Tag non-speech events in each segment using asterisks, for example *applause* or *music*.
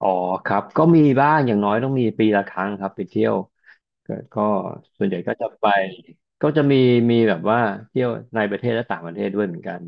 อ๋อครับก็มีบ้างอย่างน้อยต้องมีปีละครั้งครับไปเที่ยวก็ส่วนใหญ่ก็จะไปก็จะมีแบบว่าเที่ยวในประเทศและต่างประเทศด้วยเหมือนกัน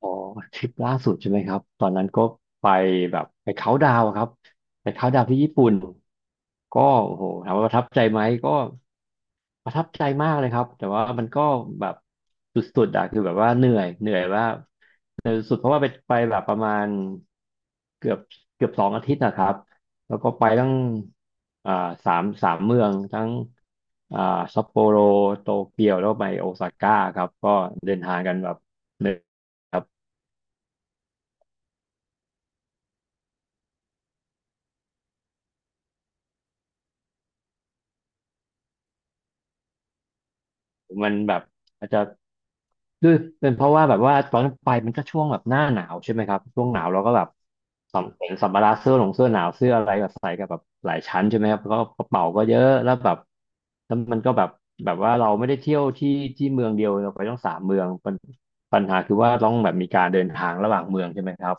อ๋อทริปล่าสุดใช่ไหมครับตอนนั้นก็ไปแบบไปเขาน์ดาวน์ครับไปเขาน์ดาวน์ที่ญี่ปุ่นก็โอ้โหถามว่าประทับใจไหมก็ประทับใจมากเลยครับแต่ว่ามันก็แบบสุดๆอะคือแบบว่าเหนื่อยสุดเพราะว่าไปแบบประมาณเกือบเกือบสองอาทิตย์นะครับแล้วก็ไปตั้งอ่าสามเมืองทั้งอ่าซัปโปโรโตเกียวแล้วก็ไปโอซาก้าครับก็เดินทางกันแบบเหนื่อย มันแบบอาจจะด้วยเป็นเพราะว่าแบบว่าตอนไปมันก็ช่วงแบบหน้าหนาวใช่ไหมครับช่วงหนาวเราก็แบบสัมภาระเสื้อหนาวเสื้ออะไรแบบใส่กับแบบหลายชั้นใช่ไหมครับแล้วก็กระเป๋าก็เยอะแล้วแบบแล้วมันก็แบบแบบว่าเราไม่ได้เที่ยวที่ที่เมืองเดียวเราไปต้องสามเมืองปัญหาคือว่าต้องแบบมีการเดินทางระหว่างเมืองใช่ไหมครับ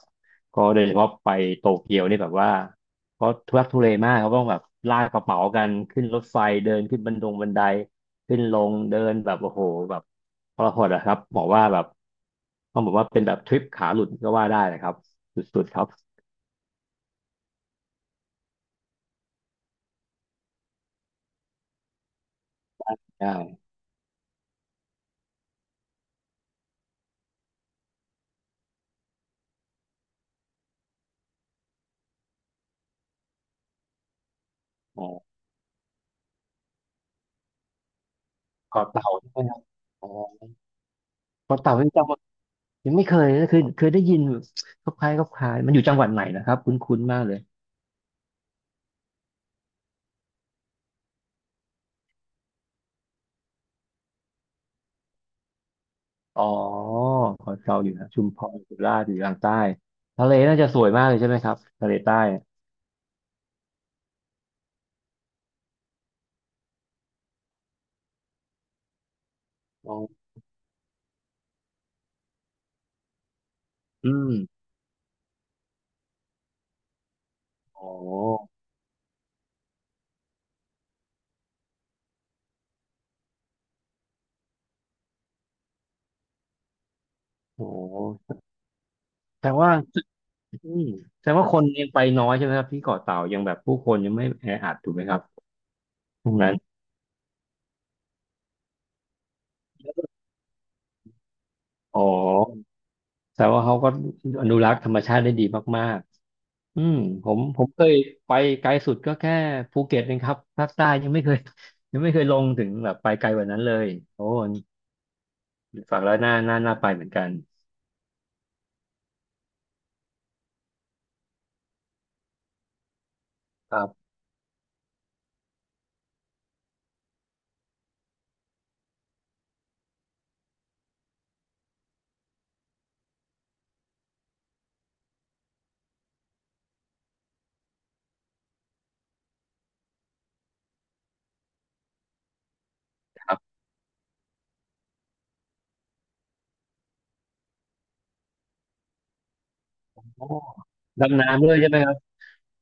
ก็โดยเฉพาะไปโตเกียวนี่แบบว่า เพราะทุรักทุเลมากเขาต้องแบบลากกระเป๋ากันขึ้นรถไฟเดินขึ้นบันไดขึ้นลงเดินแบบโอ้โหแบบทรหดอะครับบอกว่าแบบต้องบอกว่าเป็นแบบทริปขาหลุดก็ว่าได้นะครับสุดๆครับได้อ๋อเกาะเต่าใช่ไหมครับอ๋อเกาะเต่ายังไม่เคยนะคือเคยได้ยินคล้ายๆคล้ายๆมันอยู่จังหวัดไหนนะครับคุ้นๆมากเลยอ๋อเกะเต่าอยู่นะชุมพรสุราษฎร์อยู่ทางใต้ทะเลน่าจะสวยมากเลยใช่ไหมครับทะเลใต้อ๋ออืมอ๋อ โอ้แสดงว่าอืมแสดงว่าคนยังไปน้อยใช่ไหมครับที่เกาะเต่ายังแบบผู้คนยังไม่แออัดถูกไหมครับตรงนั้นอ๋อแสดงว่าเขาก็อนุรักษ์ธรรมชาติได้ดีมากๆอืมผมเคยไปไกลสุดก็แค่ภูเก็ตเองครับภาคใต้ยังไม่เคย *laughs* ยังไม่เคยลงถึงแบบไปไกลกว่านั้นเลยโอ้ฝังแล้วน่าไปเหมือนกันครับครับโอ้ดำน้ำด้วยใช่ไหมครับ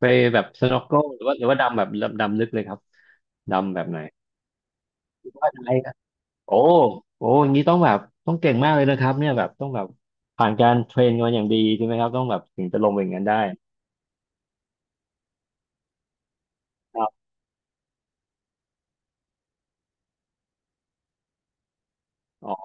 ไปแบบสน็อกเกิลหรือว่าดำแบบดำลึกเลยครับดำแบบไหนรือว่าอะไร โอ้โอ้อย่างนี้ต้องแบบต้องเก่งมากเลยนะครับเนี่ยแบบต้องแบบผ่านการเทรนมาอย่างดีใช่ไหมครับต้องแบบถึงจะลงไปอย่างนั้นได้ครับอ๋อ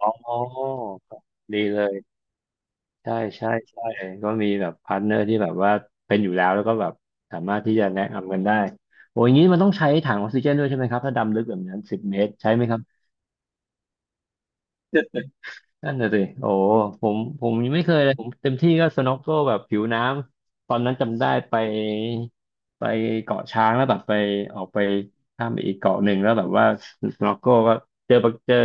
อ๋อดีเลยใช่ใช่ใช่ก็มีแบบพาร์ทเนอร์ที่แบบว่าเป็นอยู่แล้วแล้วก็แบบสามารถที่จะแนะนำกันได้โอ้อย่างนี้มันต้องใช้ถังออกซิเจนด้วยใช่ไหมครับถ้าดำลึกแบบนั้นสิบเมตรใช่ไหมครับ นั่นน่ะสิโอ้ผมยังไม่เคยเลย ผมเต็มที่ก็สน็อกเกิลแบบผิวน้ำ ตอนนั้นจำได้ไปเกาะช้างแล้วแบบไปออกไปข้ามไปอีกเกาะหนึ่งแล้วแบบว่าสน็อกเกิลก็เจอปะเจอ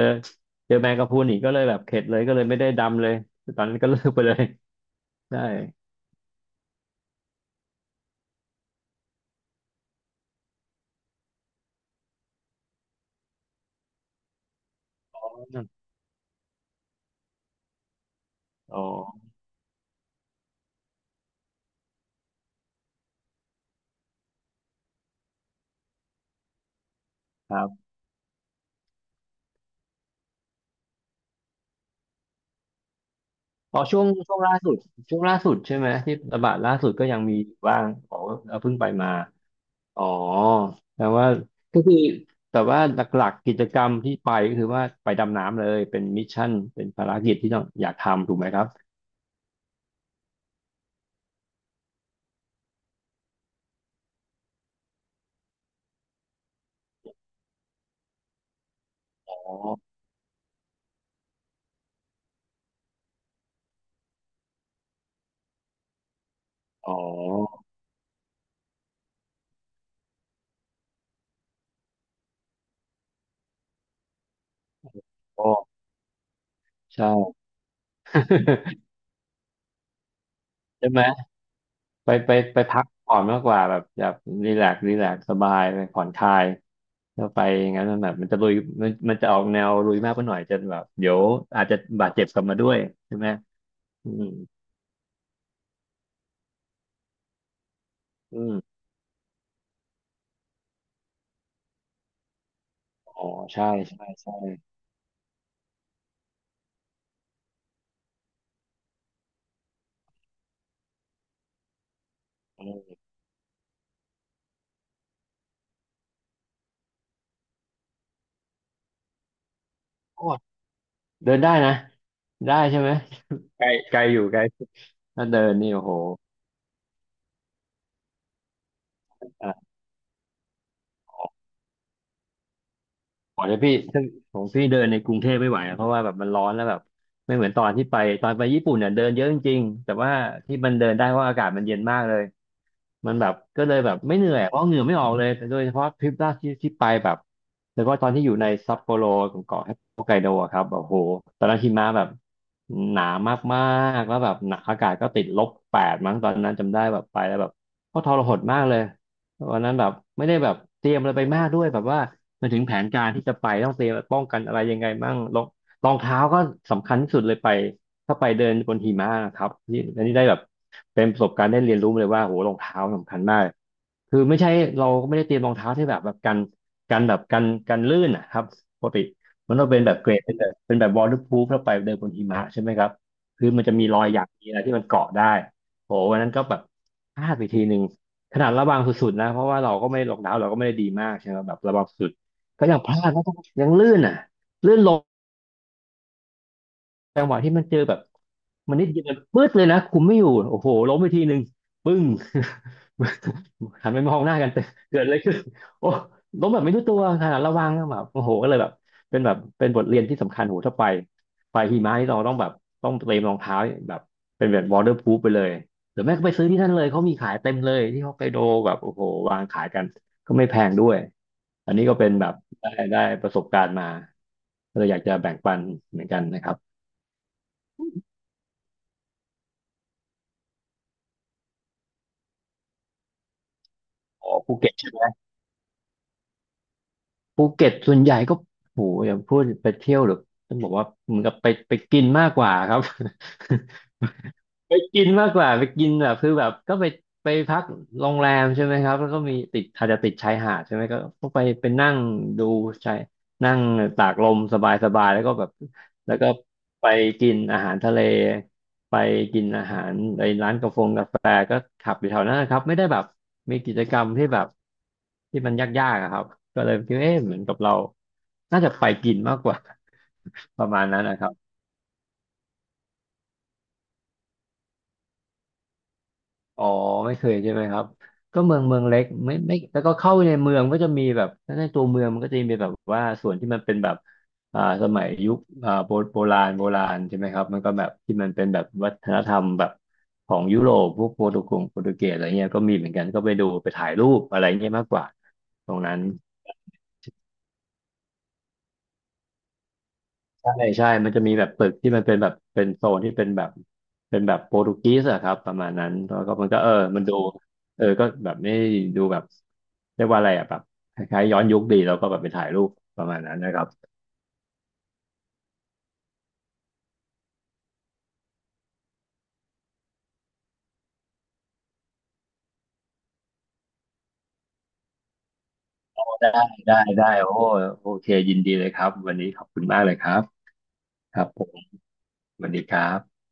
เจอแมงกะพรุนอีกก็เลยแบบเข็ดเลยก็เลยไม่ได้ดำเลยตอนนั้นก็เลิกไปเลย *laughs* ได้อ๋อครับอ๋อช่วงล่าสุดช่วงล่าสุดใช่ไหมที่ระบาดล่าสุดก็ยังมีอยู่บ้างอ๋อเพิ่งไปมา อ๋อแต่ว่าก็คือแต่ว่าหลักๆกิจกรรมที่ไปก็คือว่าไปดำน้ำเลยเป็นมิชชั่นเป็นภารกิจที่ต้องอยากทำถูกไหมครับอ๋ออ๋ออ๋อใช่ *laughs* ใช่ไหมไปไปพักผ่อนมากกว่าแบบแบบรีแลกซ์รีแลกซ์สบายไปผ่อนคลายแล้วไปอย่างนั้นมันแบบมันจะลุยมันจะออกแนวลุยมากไปหน่อยจะแบบเดี๋ยวอาจจะบาดเจ็บกลับมาด้วยใช่ไหมอืมอืมอ๋อใช่ใช่ใช่อืม เดินได้นะได้ใช่ไหม *laughs* ไกลไกลอยู่ไกลถ้าเดินนี่โอ้โหอ่า ขอเลยพี่ซึ่งผมพี่เดินในกรุงเทพไม่ไหวอะเพราะว่าแบบมันร้อนแล้วแบบไม่เหมือนตอนที่ไปตอนไปญี่ปุ่นเนี่ยเดินเยอะจริงๆแต่ว่าที่มันเดินได้เพราะอากาศมันเย็นมากเลยมันแบบก็เลยแบบไม่เหนื่อยเพราะเหงื่อไม่ออกเลยแต่โดยเฉพาะทริปล่าสุดที่ไปแบบแล้วก็ตอนที่อยู่ในซัปโปโรของเกาะฮอกไกโดอะครับแบบโหตอนนั้นหิมะแบบหนามากๆแล้วแบบหนักอากาศก็ติดลบแปดมั้งตอนนั้นจำได้แบบไปแล้วแบบก็ทรหดมากเลย วันนั้นแบบไม่ได้แบบเตรียมอะไรไปมากด้วยแบบว่ามนถึงแผนการที่จะไปต้องเตรียมป้องกันอะไรยังไงบ้างรองเท้าก็สำคัญที่สุดเลยไปถ้าไปเดินบนหิมะนะครับที่อันนี้ได้แบบเป็นประสบการณ์ได้เรียนรู้เลยว่าโหรองเท้าสำคัญมากคือไม่ใช่เราก็ไม่ได้เตรียมรองเท้าที่แบบแบบกันลื่นนะครับปกติมันต้องเป็นแบบเกรดเป็นแบบเป็นแบบ waterproof แล้วไปเดินบนหิมะใช่ไหมครับคือมันจะมีรอยหยักมีอะไรที่มันเกาะได้โหวันนั้นก็แบบพลาดไปทีหนึ่ง ขนาดระวังสุดๆนะเพราะว่าเราก็ไม่ล็อกดาวน์เราก็ไม่ได้ดีมากใช่ไหมแบบระวังสุดก็ยังพลาดแล้องยังลื่นอ่ะลื่นล้ จังหวะที่มันเจอแบบมันนิดเดียวมันปื๊ดเลยนะคุมไม่อยู่โอ้โหล้มไปทีหนึ่งปึ้ง *laughs* หันไปมองหน้ากันเตเกิดอะไรขึ้นโอ้ล้มแบบไม่รู้ตัวขนาดระวังแบบโอ้โหก็เลยแบบเป็นแบบเป็นบทเรียนที่สำคัญโหถ้าไปหิมะนี่เราต้องแบบต้องเตรียมรองเท้าแบบเป็นแบบ waterproof ไปเลยหรือแม่ก็ไปซื้อที่นั่นเลยเขามีขายเต็มเลยที่ฮอกไกโดแบบโอ้โหวางขายกันก็ไม่แพงด้วยอันนี้ก็เป็นแบบได้ประสบการณ์มาก็เลยอยากจะแบ่งปันเหมือนกันนะครับ อ๋อภูเก็ตใช่ไหมภูเก็ตส่วนใหญ่ก็โหอย่าพูดไปเที่ยวหรือต้องบอกว่าเหมือนกับไปกินมากกว่าครับ *laughs* ไปกินมากกว่าไปกินแบบคือแบบก็ไปพักโรงแรมใช่ไหมครับแล้วก็มีติดอาจจะติดชายหาดใช่ไหมก็ไปนั่งดูชายนั่งตากลมสบายๆแล้วก็แบบ แล้วก็ไปกินอาหารทะเลไปกินอาหารในร้านกาแฟก็ขับอยู่แถวนั้นนะครับไม่ได้แบบมีกิจกรรมที่แบบที่มันยากๆอะครับก็เลยคิดว่าเอ๊ะเหมือนกับเราน่าจะไปกินมากกว่า *laughs* ประมาณนั้นนะครับ อ๋อไม่เคยใช่ไหมครับก็เมืองเล็กไม่แล้วก็เข้าไปในเมืองก็จะมีแบบถ้าในตัวเมืองมันก็จะมีแบบว่าส่วนที่มันเป็นแบบอ่าสมัยยุคโบราณโบราณใช่ไหมครับมันก็แบบที่มันเป็นแบบวัฒนธรรมแบบของยุโรปพวกโปรตุเกสอะไรเงี้ยก็มีเหมือนกันก็ไปดูไปถ่ายรูปอะไรเงี้ยมากกว่าตรงนั้น ใช่ใช่ มันจะมีแบบตึกที่มันเป็นแบบเป็นโซนที่เป็นแบบเป็นแบบโปรตุเกสอะครับประมาณนั้นแล้วก็มันก็เออมันดูเออก็แบบไม่ดูแบบเรียกว่าอะไรอะแบบคล้ายๆย้อนยุคดีแล้วก็แบบไปถ่ายรูปประมาณนั้นนะครับได้ได้โอ้โอเคยินดีเลยครับวันนี้ขอบคุณมากเลยครับครับผมสวัสดีครับ